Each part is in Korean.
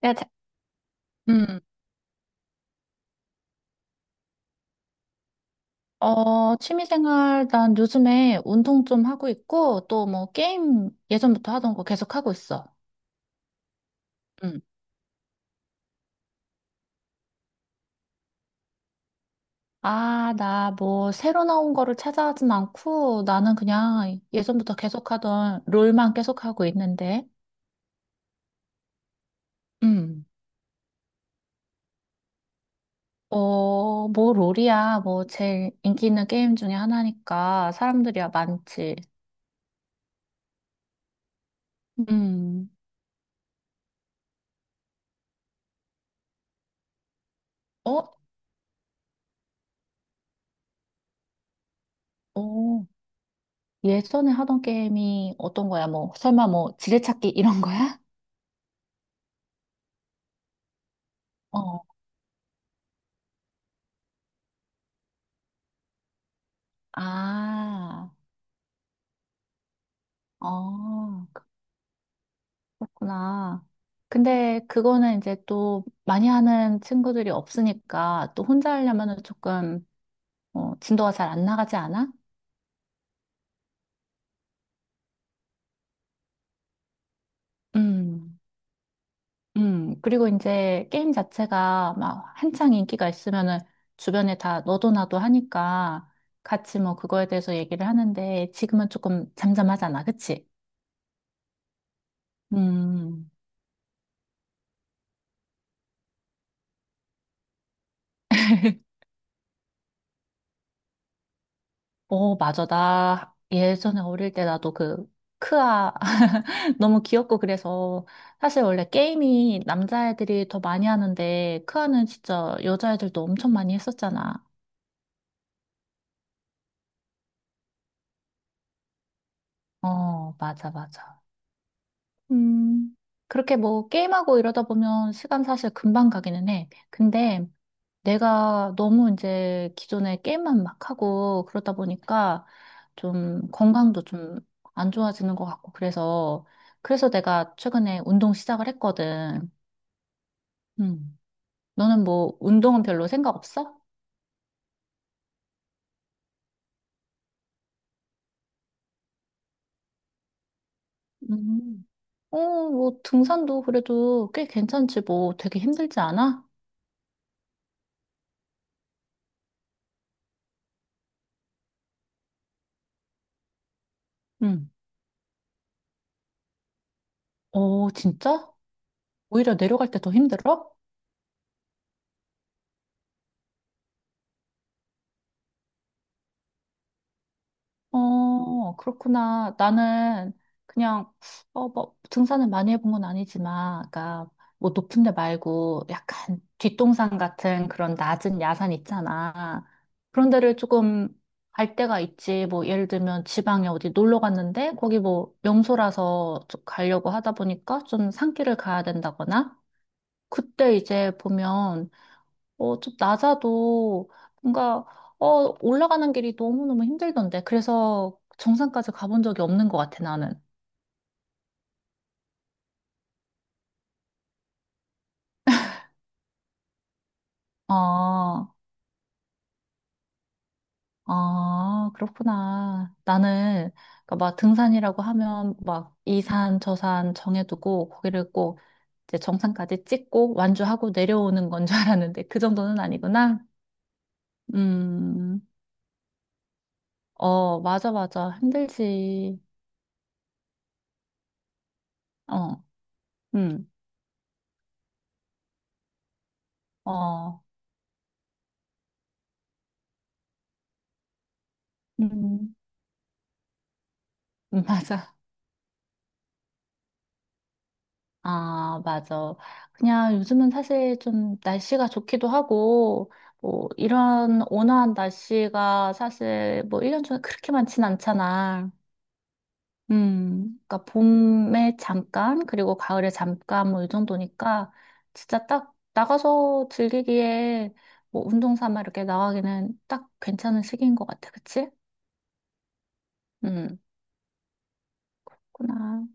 네, 음, 취미생활, 난 요즘에 운동 좀 하고 있고, 또 뭐 게임 예전부터 하던 거 계속 하고 있어. 음. 아, 나 뭐 새로 나온 거를 찾아하진 않고, 나는 그냥 예전부터 계속 하던 롤만 계속 하고 있는데. 음. 뭐 롤이야. 뭐 제일 인기 있는 게임 중에 하나니까 사람들이야 많지. 음. 어? 어. 예전에 하던 게임이 어떤 거야? 뭐, 설마 뭐 지뢰찾기 이런 거야? 어. 아, 어, 그렇구나. 근데 그거는 이제 또 많이 하는 친구들이 없으니까 또 혼자 하려면은 조금 진도가 잘 안 나가지 않아? 음, 그리고 이제 게임 자체가 막 한창 인기가 있으면은 주변에 다 너도 나도 하니까 같이 뭐 그거에 대해서 얘기를 하는데 지금은 조금 잠잠하잖아, 그치? 음. 어, 맞아. 나 예전에 어릴 때 나도 그 크아 너무 귀엽고 그래서 사실 원래 게임이 남자애들이 더 많이 하는데 크아는 진짜 여자애들도 엄청 많이 했었잖아. 어, 맞아, 맞아. 음, 그렇게 뭐 게임하고 이러다 보면 시간 사실 금방 가기는 해. 근데 내가 너무 이제 기존에 게임만 막 하고 그러다 보니까 좀 건강도 좀 안 좋아지는 것 같고 그래서 내가 최근에 운동 시작을 했거든. 음. 너는 뭐 운동은 별로 생각 없어? 음. 어, 뭐 등산도 그래도 꽤 괜찮지 뭐 되게 힘들지 않아? 음. 어, 진짜? 오히려 내려갈 때 더 힘들어? 어, 어, 그렇구나. 나는 그냥, 뭐, 등산을 많이 해본 건 아니지만, 아까, 뭐, 높은 데 말고, 약간 뒷동산 같은 그런 낮은 야산 있잖아. 그런 데를 조금 갈 때가 있지. 뭐, 예를 들면 지방에 어디 놀러 갔는데, 거기 뭐, 명소라서 좀 가려고 하다 보니까 좀 산길을 가야 된다거나, 그때 이제 보면, 좀 낮아도 뭔가, 올라가는 길이 너무너무 힘들던데. 그래서 정상까지 가본 적이 없는 것 같아, 나는. 아, 아, 그렇구나. 나는, 그러니까 막 등산이라고 하면 막 이 산, 저 산 정해두고 거기를 꼭 이제 정상까지 찍고 완주하고 내려오는 건 줄 알았는데 그 정도는 아니구나. 음, 맞아, 맞아. 힘들지. 어, 음, 어, 음, 맞아. 아, 맞아. 그냥 요즘은 사실 좀 날씨가 좋기도 하고, 뭐, 이런 온화한 날씨가 사실 뭐 1년 중에 그렇게 많진 않잖아. 그러니까 봄에 잠깐, 그리고 가을에 잠깐, 뭐 이 정도니까, 진짜 딱 나가서 즐기기에 뭐 운동 삼아 이렇게 나가기는 딱 괜찮은 시기인 것 같아. 그치? 음, 그렇구나.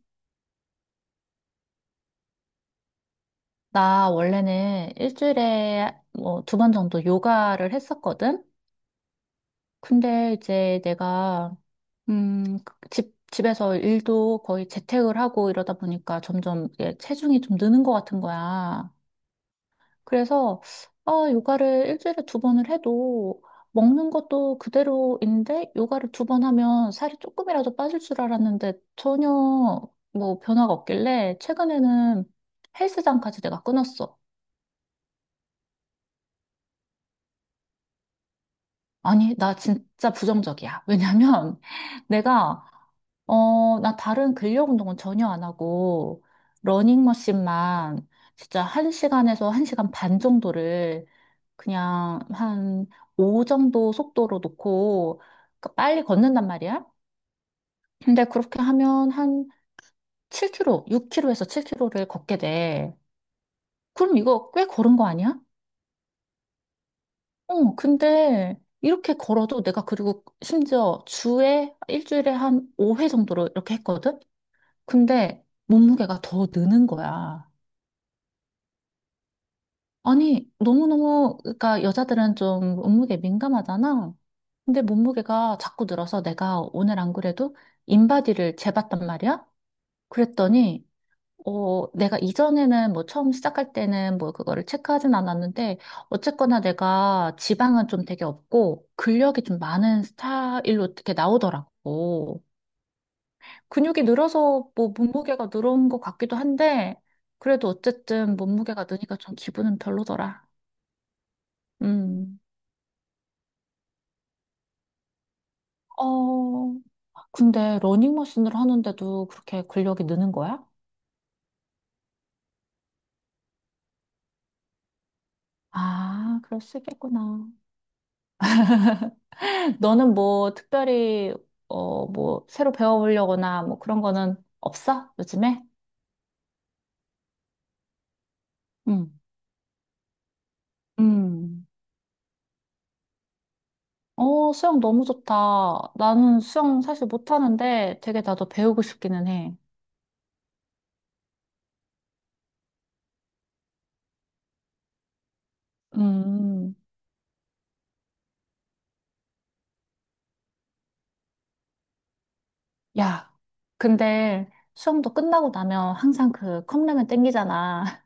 나 원래는 일주일에 뭐 두 번 정도 요가를 했었거든? 근데 이제 내가 그 집에서 일도 거의 재택을 하고 이러다 보니까 점점 이게 체중이 좀 느는 것 같은 거야. 그래서 아, 요가를 일주일에 두 번을 해도 먹는 것도 그대로인데 요가를 두 번 하면 살이 조금이라도 빠질 줄 알았는데 전혀 뭐 변화가 없길래 최근에는 헬스장까지 내가 끊었어. 아니, 나 진짜 부정적이야. 왜냐면 내가 나 다른 근력 운동은 전혀 안 하고, 러닝머신만 진짜 한시간에서한시간반 정도를 그냥 한 5 정도 속도로 놓고 그 빨리 걷는단 말이야. 근데 그렇게 하면 한 7 k 로6 k 로에서 7 k 로를 걷게 돼. 그럼 이거 꽤 걸은 거 아니야? 어, 근데 이렇게 걸어도 내가 그리고 심지어 일주일에 한 5회 정도로 이렇게 했거든? 근데 몸무게가 더 느는 거야. 아니, 너무너무, 그러니까 여자들은 좀 몸무게 민감하잖아. 근데 몸무게가 자꾸 늘어서 내가 오늘 안 그래도 인바디를 재봤단 말이야? 그랬더니, 내가 이전에는 뭐 처음 시작할 때는 뭐 그거를 체크하진 않았는데, 어쨌거나 내가 지방은 좀 되게 없고, 근력이 좀 많은 스타일로 이렇게 나오더라고. 근육이 늘어서 뭐 몸무게가 늘어온 것 같기도 한데, 그래도 어쨌든 몸무게가 느니까 좀 기분은 별로더라. 음. 어, 근데 러닝머신을 하는데도 그렇게 근력이 느는 거야? 아, 그럴 수 있겠구나. 너는 뭐 특별히, 뭐 새로 배워보려거나 뭐 그런 거는 없어? 요즘에? 응. 음. 수영 너무 좋다. 나는 수영 사실 못하는데 되게 나도 배우고 싶기는 해. 음. 야, 근데 수영도 끝나고 나면 항상 그 컵라면 땡기잖아.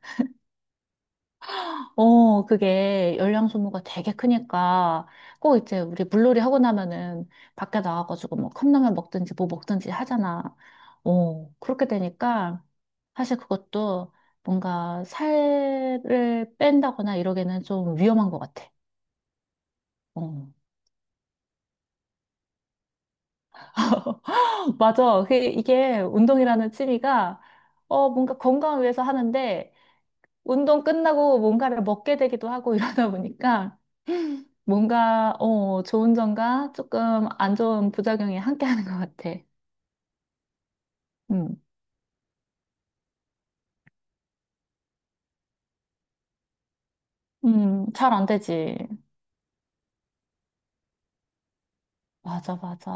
그게 열량 소모가 되게 크니까 꼭 이제 우리 물놀이 하고 나면은 밖에 나와가지고 뭐 컵라면 먹든지 뭐 먹든지 하잖아. 그렇게 되니까 사실 그것도 뭔가 살을 뺀다거나 이러기는 좀 위험한 것 같아. 어. 맞아. 이게 운동이라는 취미가 뭔가 건강을 위해서 하는데 운동 끝나고 뭔가를 먹게 되기도 하고 이러다 보니까 뭔가, 좋은 점과 조금 안 좋은 부작용이 함께 하는 것 같아. 음, 잘 안 되지. 맞아, 맞아.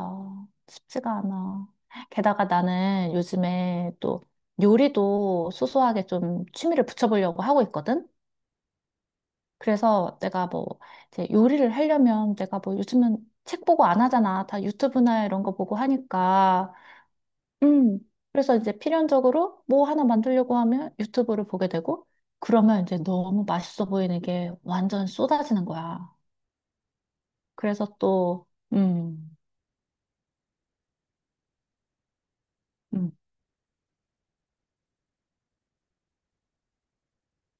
쉽지가 않아. 게다가 나는 요즘에 또 요리도 소소하게 좀 취미를 붙여보려고 하고 있거든? 그래서 내가 뭐, 이제 요리를 하려면 내가 뭐 요즘은 책 보고 안 하잖아. 다 유튜브나 이런 거 보고 하니까. 음. 그래서 이제 필연적으로 뭐 하나 만들려고 하면 유튜브를 보게 되고, 그러면 이제 너무 맛있어 보이는 게 완전 쏟아지는 거야. 그래서 또, 음, 음.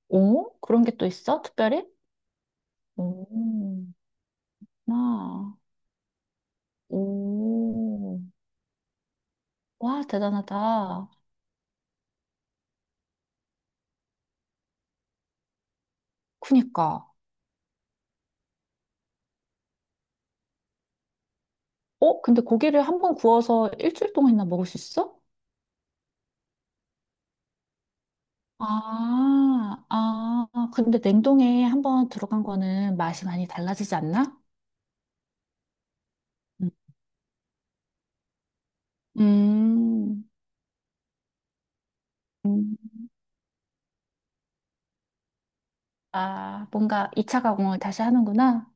오? 그런 게 또 있어? 특별히? 오, 나, 오, 와, 대단하다. 그니까. 근데 고기를 한번 구워서 일주일 동안이나 먹을 수 있어? 아, 아, 근데 냉동에 한번 들어간 거는 맛이 많이 달라지지 않나? 음. 음, 음. 아, 뭔가 2차 가공을 다시 하는구나.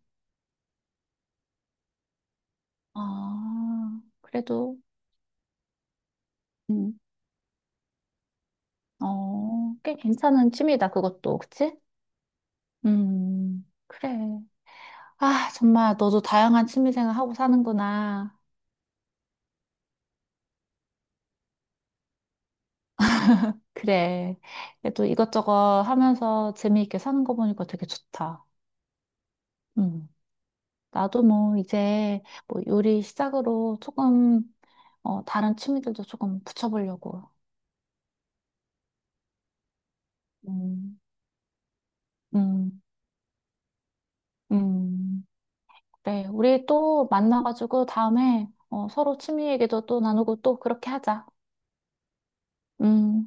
아, 그래도, 음, 꽤 괜찮은 취미다, 그것도. 그치? 그래. 아, 정말 너도 다양한 취미 생활하고 사는구나. 그래. 그래도 이것저것 하면서 재미있게 사는 거 보니까 되게 좋다. 음. 나도 뭐 이제 뭐 요리 시작으로 조금, 다른 취미들도 조금 붙여보려고. 음, 음, 음. 그래, 우리 또 만나가지고 다음에 서로 취미 얘기도 또 나누고 또 그렇게 하자. 음,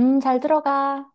잘 들어가.